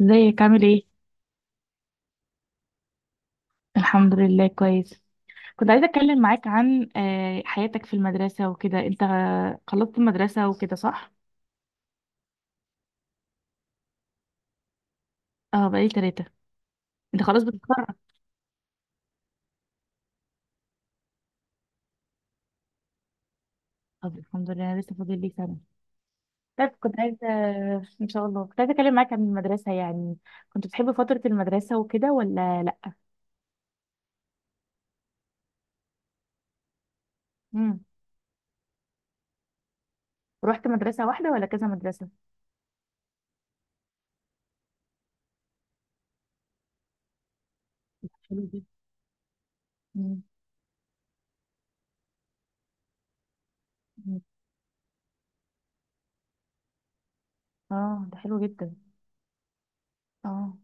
ازيك عامل ايه؟ الحمد لله كويس. كنت عايزة اتكلم معاك عن حياتك في المدرسة وكده. انت خلصت المدرسة وكده صح؟ اه، بقالي تلاتة. انت خلاص بتتخرج. طب الحمد لله انا لسه فاضل لي سنة. طيب كنت عايزة، ان شاء الله كنت عايزة اتكلم معاك عن المدرسة يعني. كنت بتحب فترة المدرسة وكده ولا لا؟ امم رحت مدرسة واحدة ولا كذا مدرسة؟ حلو جدا. مم. مم. اه ده حلو جدا. اه.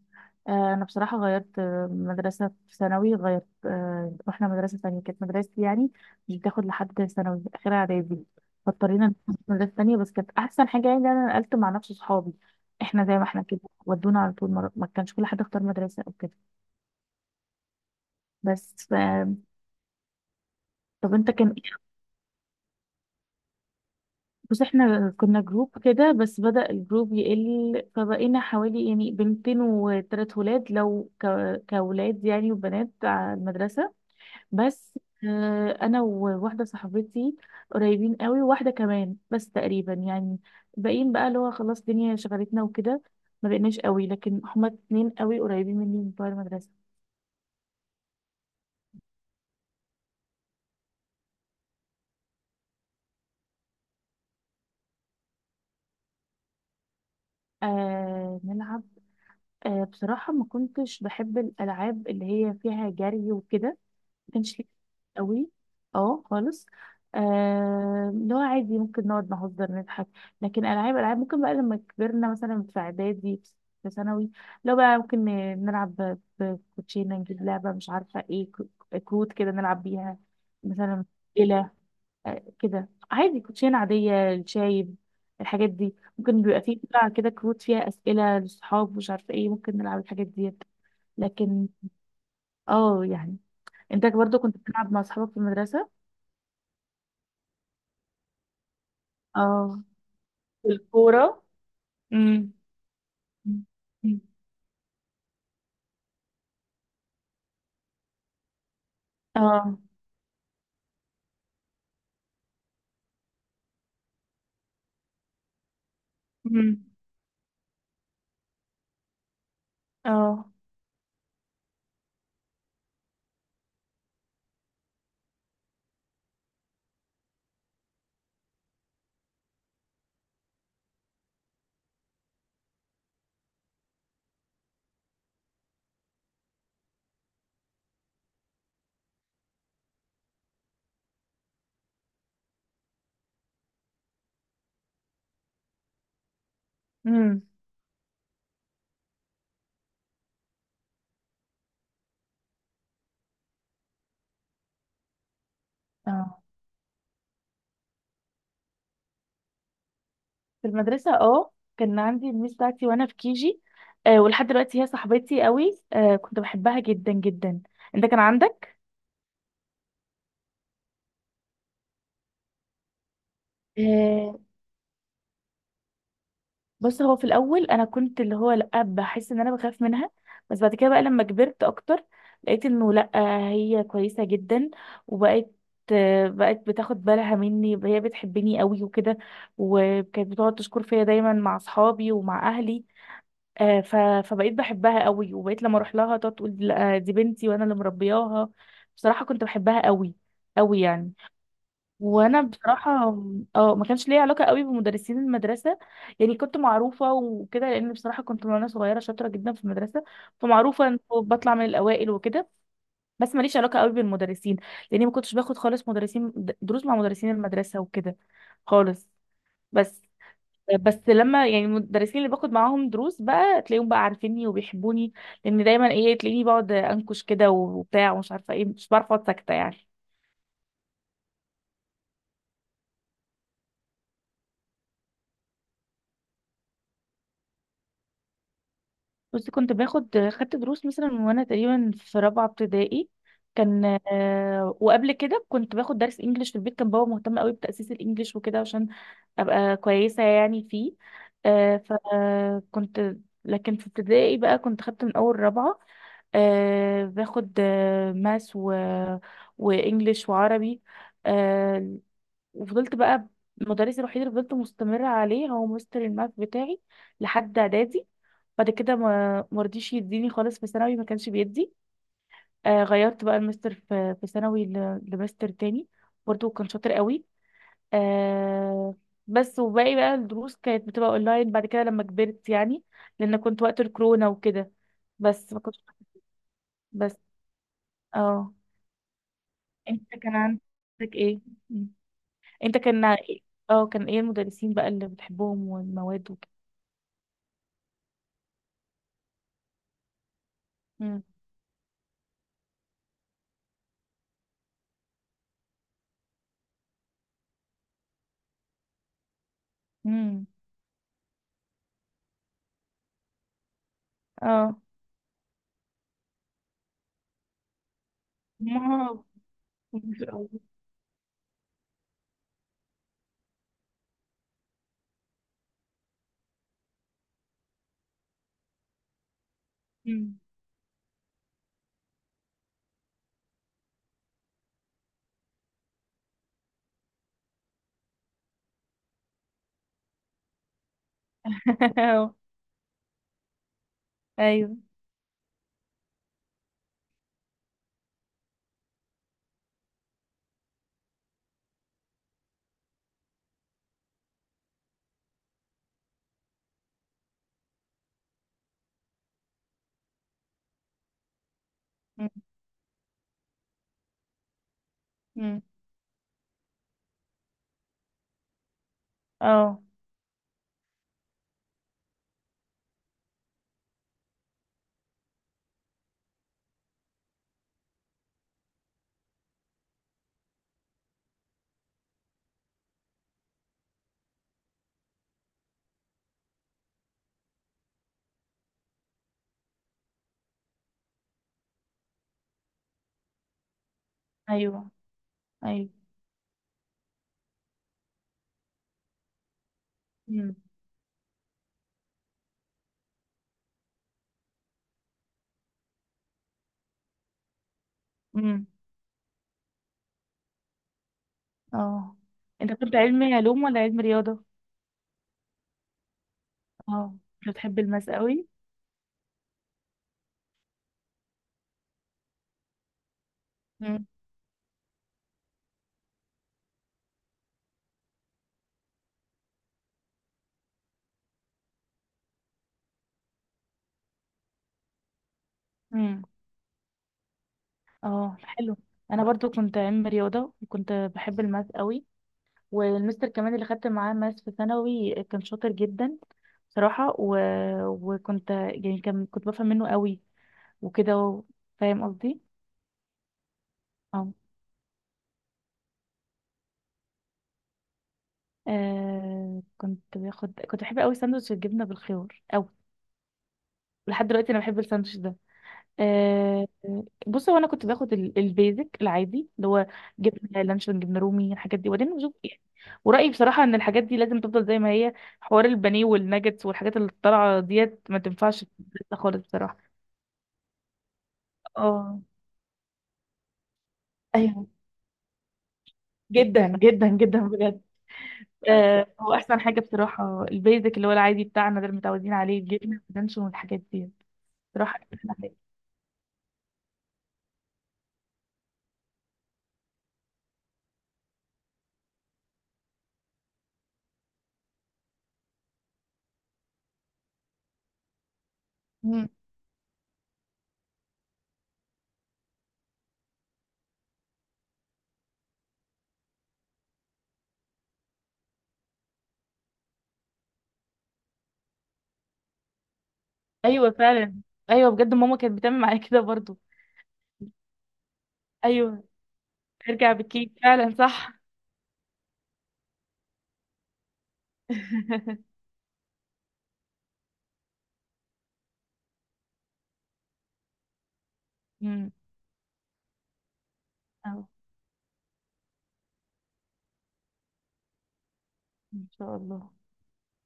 انا بصراحه غيرت مدرسه في ثانوي، غيرت، رحنا مدرسه تانية كانت مدرستي يعني. مش بتاخد لحد ثانوي، اخرها اعدادي. فاضطرينا نروح مدرسه تانية، بس كانت احسن حاجه يعني إن انا نقلت مع نفس صحابي، احنا زي ما احنا كده. ودونا على طول مرة. ما كانش كل حد اختار مدرسه او كده. بس ف... طب انت كان. بص، احنا كنا جروب كده بس بدأ الجروب يقل، فبقينا حوالي يعني بنتين وتلات ولاد. كولاد يعني وبنات على المدرسه. بس انا وواحده صاحبتي قريبين قوي، وواحده كمان بس تقريبا يعني باقيين بقى، اللي هو خلاص الدنيا شغلتنا وكده. ما بقيناش قوي، لكن هما اتنين قوي قريبين مني من بتوع المدرسه. آه نلعب، آه بصراحه ما كنتش بحب الالعاب اللي هي فيها جري وكده. كانش ليه قوي، اه خالص. اللي هو عادي ممكن نقعد نهزر نضحك، لكن العاب العاب ممكن بقى لما كبرنا مثلا في اعدادي، في ثانوي، لو بقى ممكن نلعب بكوتشينه، نجيب لعبه مش عارفه ايه، كروت كده نلعب بيها. مثلا إلى، كده عادي كوتشينه عاديه الشايب. الحاجات دي ممكن بيبقى فيه بتاع كده كروت فيها اسئله للصحاب، مش عارفه ايه، ممكن نلعب الحاجات دي. لكن اه يعني انت برضو كنت بتلعب مع اصحابك في المدرسه. اه والكورة. امم اه. امم اه. امم اه. في المدرسة، اه كان عندي الميس بتاعتي وانا في كيجي. آه ولحد دلوقتي هي صاحبتي قوي. آه كنت بحبها جدا جدا. انت كان عندك؟ بص، هو في الاول انا كنت اللي هو لا، بحس ان انا بخاف منها، بس بعد كده بقى لما كبرت اكتر لقيت انه لا، هي كويسه جدا. وبقت، بقت بتاخد بالها مني، هي بتحبني قوي وكده. وكانت بتقعد تشكر فيا دايما مع اصحابي ومع اهلي. آه، ف... فبقيت بحبها قوي، وبقيت لما اروح لها تقعد تقول لا دي بنتي وانا اللي مربياها. بصراحه كنت بحبها قوي قوي يعني. وانا بصراحه اه، ما كانش ليا علاقه قوي بمدرسين المدرسه. يعني كنت معروفه وكده، لان بصراحه كنت من وانا صغيره شاطره جدا في المدرسه، فمعروفه ان بطلع من الاوائل وكده. بس ماليش علاقه قوي بالمدرسين، لاني ما كنتش باخد خالص مدرسين، دروس مع مدرسين المدرسه وكده خالص. بس، بس لما يعني المدرسين اللي باخد معاهم دروس بقى، تلاقيهم بقى عارفيني وبيحبوني، لان دايما ايه، تلاقيني بقعد انكش كده وبتاع ومش عارفه ايه، مش بعرف اقعد ساكته يعني. بصي، كنت باخد، خدت دروس مثلا من وانا تقريبا في رابعه ابتدائي. كان وقبل كده كنت باخد درس انجليش في البيت، كان بابا مهتم قوي بتأسيس الانجليش وكده عشان ابقى كويسه يعني فيه. فكنت، لكن في ابتدائي بقى كنت خدت من اول رابعه، باخد ماس وانجليش وعربي. آه، وفضلت بقى، المدرس الوحيد اللي فضلت مستمرة عليه هو مستر الماث بتاعي لحد اعدادي. بعد كده ما مرضيش يديني خالص، في ثانوي ما كانش بيدي. آه غيرت بقى المستر في ثانوي لمستر تاني، برضه كان شاطر قوي. آه، بس وباقي بقى الدروس كانت بتبقى اونلاين بعد كده لما كبرت يعني، لان كنت وقت الكورونا وكده. بس ما كنتش، بس اه. انت كان عندك ايه؟ انت كان إيه؟ اه كان ايه المدرسين بقى اللي بتحبهم والمواد؟ مم. مم. اه ما هو مش قوي. مم. أه. ايوه. مم. مم. اه. ايوه ايوه. مم. مم. اه. انت كنت علمي علوم ولا علمي رياضة؟ اه، انت بتحب الماس قوي. مم. مم. اه حلو. انا برضو كنت علمي رياضة، وكنت بحب الماس قوي. والمستر كمان اللي خدت معاه ماس في ثانوي كان شاطر جدا بصراحة. وكنت يعني كنت بفهم منه قوي وكده فاهم قصدي؟ اه. كنت باخد، كنت بحب قوي ساندوتش الجبنه بالخيار قوي. لحد دلوقتي انا بحب الساندوتش ده. آه، بص هو انا كنت باخد البيزك العادي اللي هو جبنه لانشون جبنه رومي الحاجات دي، وبعدين بشوف يعني. ورايي بصراحه ان الحاجات دي لازم تفضل زي ما هي. حوار البانيه والناجتس والحاجات اللي طالعه ديت ما تنفعش في البيت خالص بصراحه. اه ايوه، جدا جدا جدا بجد. هو احسن حاجه بصراحه البيزك اللي هو العادي بتاعنا ده اللي متعودين عليه، الجبنه واللانشون والحاجات دي. راح أركز عليه. مم. ايوه فعلا. ايوه بجد، ماما كانت بتعمل معايا كده برضو. ايوه ارجع بالكيك، فعلا صح. مم. أهو، ان شاء الله.